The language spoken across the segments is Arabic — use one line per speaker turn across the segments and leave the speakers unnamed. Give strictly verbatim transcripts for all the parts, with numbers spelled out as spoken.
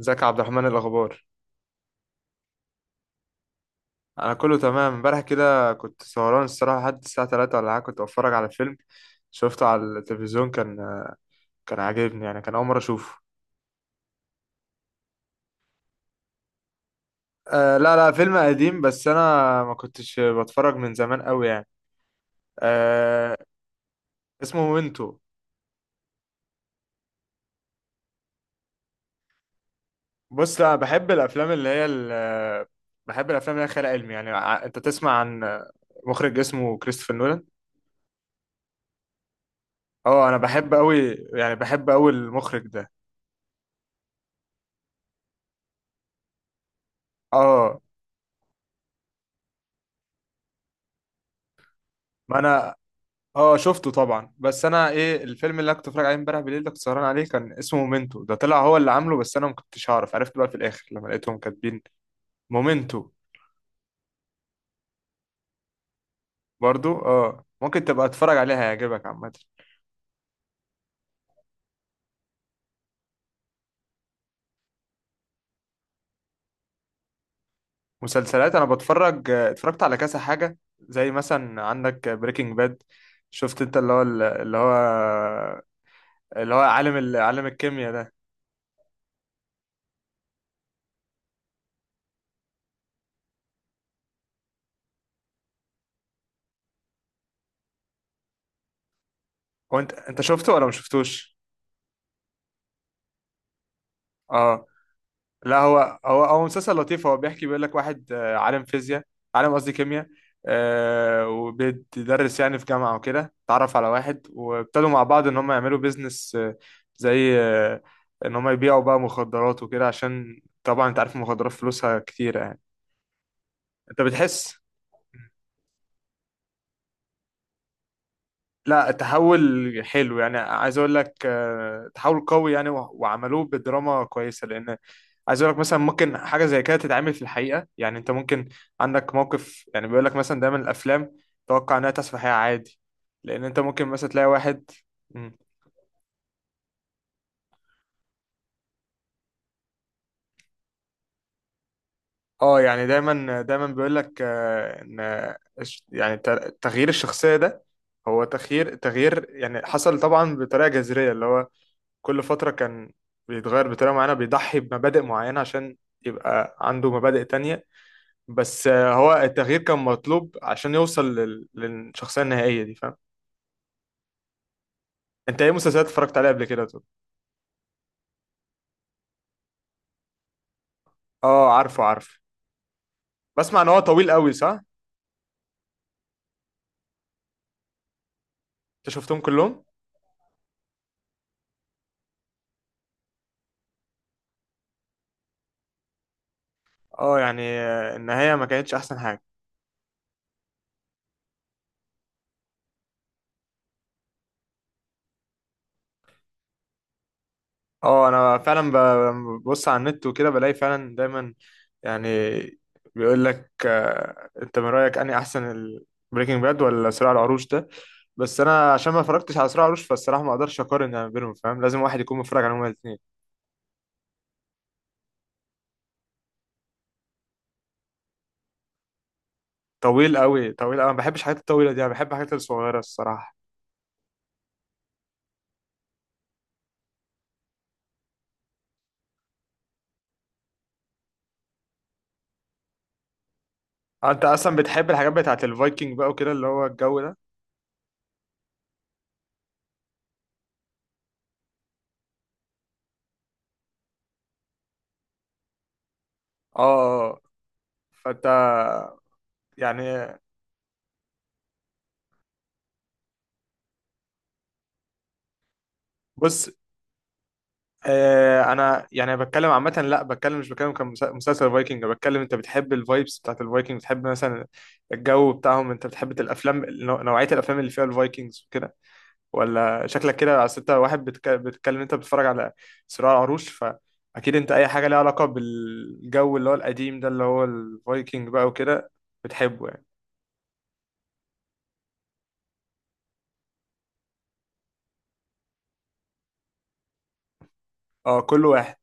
ازيك يا عبد الرحمن؟ إيه الاخبار؟ انا كله تمام. امبارح كده كنت سهران الصراحه لحد الساعه تلاتة ولا حاجه، كنت بتفرج على فيلم شفته على التلفزيون. كان كان عاجبني يعني، كان اول مره اشوفه. آه، لا لا، فيلم قديم، بس انا ما كنتش بتفرج من زمان قوي يعني. آه. اسمه مومنتو. بص، لا، بحب الافلام اللي هي ال- بحب الافلام اللي هي خيال علمي. يعني ع- انت تسمع عن مخرج اسمه كريستوفر نولان. اه، انا بحب قوي، يعني بحب قوي المخرج ده. اه. ما انا اه شفته طبعا. بس انا، ايه الفيلم اللي انا كنت بتفرج عليه امبارح بالليل ده، كنت سهران عليه، كان اسمه مومنتو. ده طلع هو اللي عامله، بس انا ما كنتش هعرف، عرفت بقى في الاخر لما لقيتهم كاتبين. مومنتو. برضو اه، ممكن تبقى تتفرج عليها هيعجبك عامه. مسلسلات، انا بتفرج آه، اتفرجت على كذا حاجه، زي مثلا عندك بريكنج باد. شفت انت، اللي هو اللي هو اللي هو عالم ال- عالم الكيمياء ده. هو انت انت شفته ولا ما شفتوش؟ اه لا، هو هو هو مسلسل لطيف. هو بيحكي، بيقول لك واحد آه، عالم فيزياء، عالم قصدي كيمياء، آه، وبيدرس يعني في جامعة وكده، اتعرف على واحد وابتدوا مع بعض ان هم يعملوا بيزنس، آه، زي آه، ان هم يبيعوا بقى مخدرات وكده، عشان طبعا انت عارف المخدرات فلوسها كتيرة يعني. انت بتحس. لا تحول حلو، يعني عايز اقول لك آه، تحول قوي يعني، وع- وعملوه بدراما كويسه. لان عايز اقول لك، مثلا ممكن حاجه زي كده تتعمل في الحقيقه يعني. انت ممكن عندك موقف، يعني بيقول لك مثلا، دايما الافلام توقع انها تحصل في الحقيقه عادي، لان انت ممكن مثلا تلاقي واحد. مم. اه، يعني دايما دايما بيقول لك آه، ان الش- يعني ت- تغيير الشخصيه ده، هو تغيير تغيير يعني حصل طبعا بطريقه جذريه. اللي هو كل فترة كان بيتغير بطريقة معينة، بيضحي بمبادئ معينة عشان يبقى عنده مبادئ تانية. بس آه، هو التغيير كان مطلوب عشان يوصل لل- للشخصية النهائية دي، فاهم. انت ايه مسلسلات اتفرجت عليها قبل كده طب؟ اه عارفه، عارفه. بسمع ان هو طويل قوي، صح؟ انت شفتهم كلهم؟ اه يعني آه، النهاية ما كانتش احسن حاجة. اه انا فعلا ب- ببص على النت وكده، بلاقي فعلا دايما، يعني بيقول لك آه، انت من رايك اني احسن، البريكنج باد ولا صراع العروش ده؟ بس انا عشان ما اتفرجتش على صراع العروش فالصراحه ما اقدرش اقارن يعني بينهم، فاهم، لازم واحد يكون متفرج عليهم الاثنين. طويل قوي، طويل قوي، ما بحبش الحاجات الطويله دي، انا بحب الحاجات الصغيره الصراحه. آه، انت اصلا بتحب الحاجات بتاعت الفايكنج بقى وكده، اللي هو الجو ده. اه. آه. آه. فانت يعني، بص، آه، انا يعني بتكلم عامه، لا بتكلم، مش بتكلم كمسلسل فايكنج، بتكلم انت بتحب الفايبس بتاعت الفايكنج، بتحب مثلا الجو بتاعهم، انت بتحب الافلام نوع- نوعيه الافلام اللي فيها الفايكنجز وكده، ولا شكلك كده، اصل انت واحد بتك- بتتكلم، انت بتتفرج على صراع العروش، فاكيد انت اي حاجه ليها علاقه بالجو اللي هو القديم ده، اللي هو الفايكنج بقى وكده، بتحبه يعني. اه، كل واحد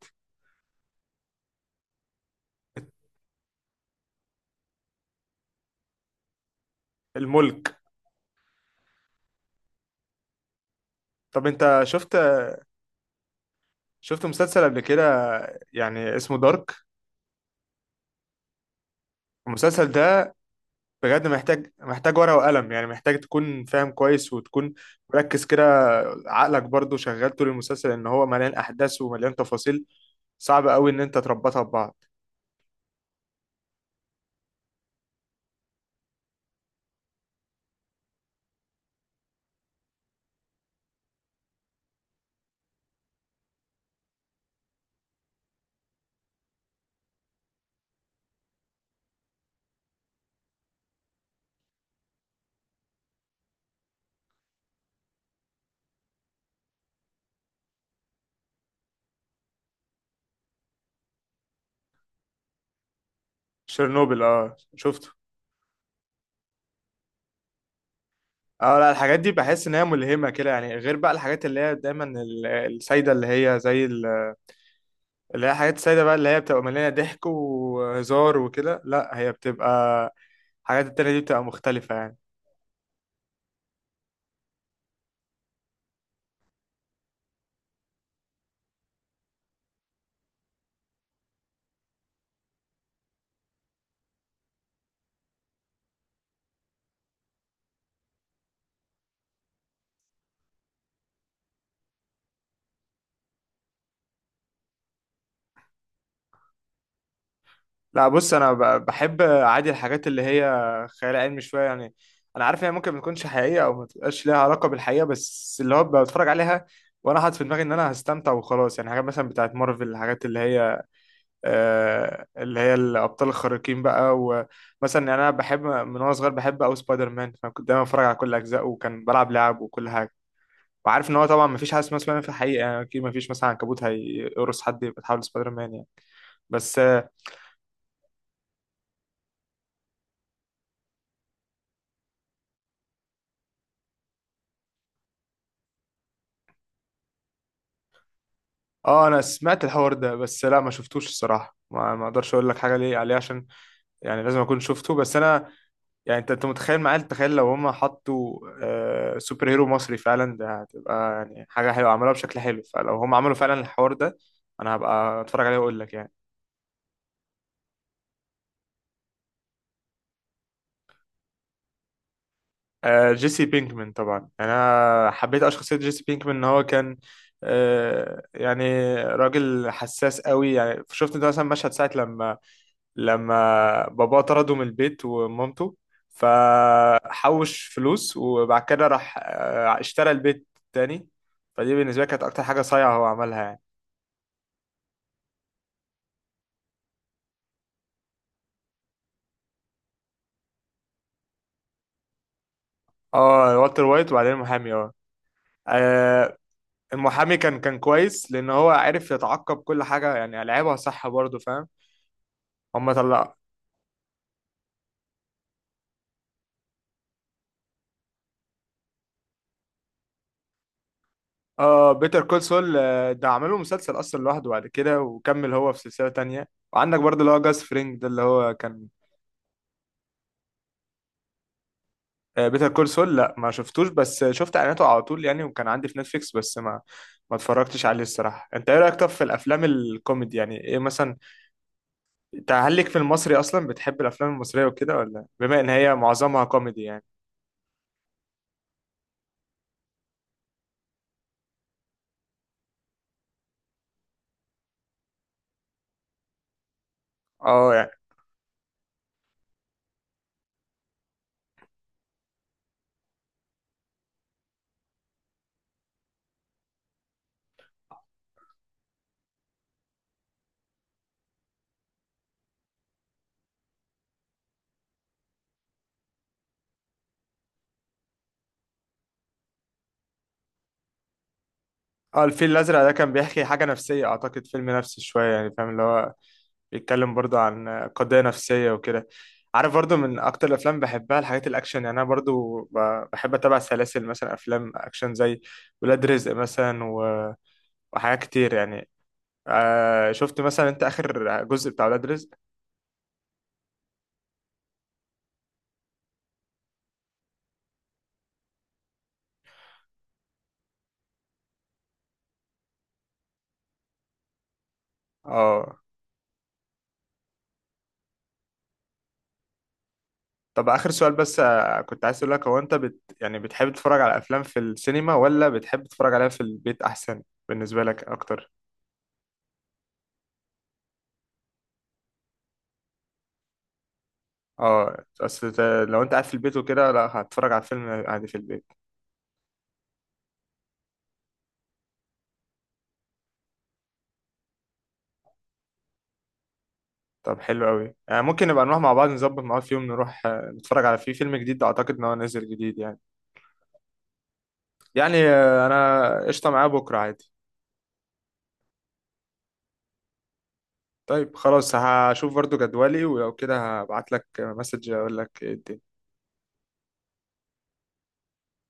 الملك. طب انت شفت شفت مسلسل قبل كده يعني اسمه دارك؟ المسلسل ده بجد محتاج محتاج ورقة وقلم، يعني محتاج تكون فاهم كويس وتكون مركز كده. عقلك برضو شغال طول المسلسل، ان هو مليان احداث ومليان تفاصيل، صعب قوي ان انت تربطها ببعض. شيرنوبل، اه شفته. اه لا، الحاجات دي بحس ان هي ملهمة كده يعني، غير بقى الحاجات اللي هي دايما ال- السايدة، اللي هي زي ال- اللي هي حاجات السايدة بقى، اللي هي بتبقى مليانة ضحك وهزار وكده، لا هي بتبقى، الحاجات التانية دي بتبقى مختلفة يعني. لا بص، انا ب- بحب عادي الحاجات اللي هي خيال علمي شويه يعني. انا عارف هي ممكن ما تكونش حقيقيه او ما تبقاش ليها علاقه بالحقيقه، بس اللي هو بتفرج عليها وانا حاطط في دماغي ان انا هستمتع وخلاص. يعني حاجات مثلا بتاعت مارفل، الحاجات اللي هي آه اللي هي الابطال الخارقين بقى، ومثلا يعني انا بحب من وانا صغير، بحب او سبايدر مان، فكنت دايما بتفرج على كل اجزائه وكان بلعب لعب وكل حاجه. وعارف ان هو طبعا ما فيش حاجه اسمها سبايدر مان في الحقيقه يعني، اكيد ما فيش مثلا عنكبوت هيقرص حد يبقى تحول سبايدر مان يعني. بس اه، انا سمعت الحوار ده بس لا ما شفتوش الصراحه، ما ما اقدرش اقول لك حاجه ليه عليه، عشان يعني لازم اكون شفته. بس انا يعني، انت انت متخيل معايا، تخيل لو هم حطوا آه، سوبر هيرو مصري فعلا، ده هتبقى يعني حاجه حلوه عملوها بشكل حلو. فلو هم عملوا فعلا الحوار ده انا هبقى اتفرج عليه واقول لك يعني. آه جيسي بينكمان طبعا، يعني انا حبيت أوي شخصيه جيسي بينكمان، ان هو كان آه، يعني راجل حساس قوي، يعني شفت انت مثلا مشهد ساعه لما لما باباه طرده من البيت ومامته، فحوش فلوس وبعد كده راح آه، اشترى البيت تاني. فدي بالنسبة لي كانت أكتر حاجة صايعة هو عملها يعني. اه والتر وايت وبعدين المحامي، اه، آه، المحامي كان كان كويس، لأن هو عرف يتعقب كل حاجة يعني، لعبها صح برضه، فاهم، هما طلع. اه بيتر كول سول، ده عمله مسلسل أصلا لوحده بعد كده وكمل هو في سلسلة تانية. وعندك برضه اللي هو جاس فرينج، ده اللي هو كان. بيتر كول سول، لا ما شفتوش، بس شفت اعلاناته على طول يعني، وكان عندي في نتفليكس بس ما ما اتفرجتش عليه الصراحه. انت ايه رايك طب في الافلام الكوميدي؟ يعني ايه مثلا، انت هل ليك في المصري اصلا، بتحب الافلام المصريه وكده، ولا بما ان هي معظمها كوميدي يعني. اه يعني، اه الفيل الازرق ده كان بيحكي حاجه نفسيه، اعتقد فيلم نفسي شويه يعني، فاهم، اللي هو بيتكلم برضو عن قضيه نفسيه وكده. عارف برضو من اكتر الافلام بحبها، الحاجات الاكشن يعني، انا برضو ب- بحب اتابع سلاسل مثلا افلام اكشن زي ولاد رزق مثلا، وحاجات كتير يعني. آه، شفت مثلا انت اخر جزء بتاع ولاد رزق؟ اه. طب اخر سؤال بس، آه، كنت عايز اقول لك، هو انت بت يعني بتحب تتفرج على افلام في السينما ولا بتحب تتفرج عليها في البيت احسن بالنسبه لك اكتر؟ اه، اصل ت- لو انت قاعد في البيت وكده، لا هتتفرج على فيلم عادي في البيت. طب حلو قوي، يعني ممكن نبقى نروح مع بعض، نظبط مع بعض في يوم نروح آه، نتفرج على فيه فيلم جديد، اعتقد ان هو نازل جديد يعني. يعني آه، انا قشطه، معاه بكره عادي. طيب خلاص، هشوف برضو جدولي ولو كده هبعت لك مسج اقول لك إيه الدنيا.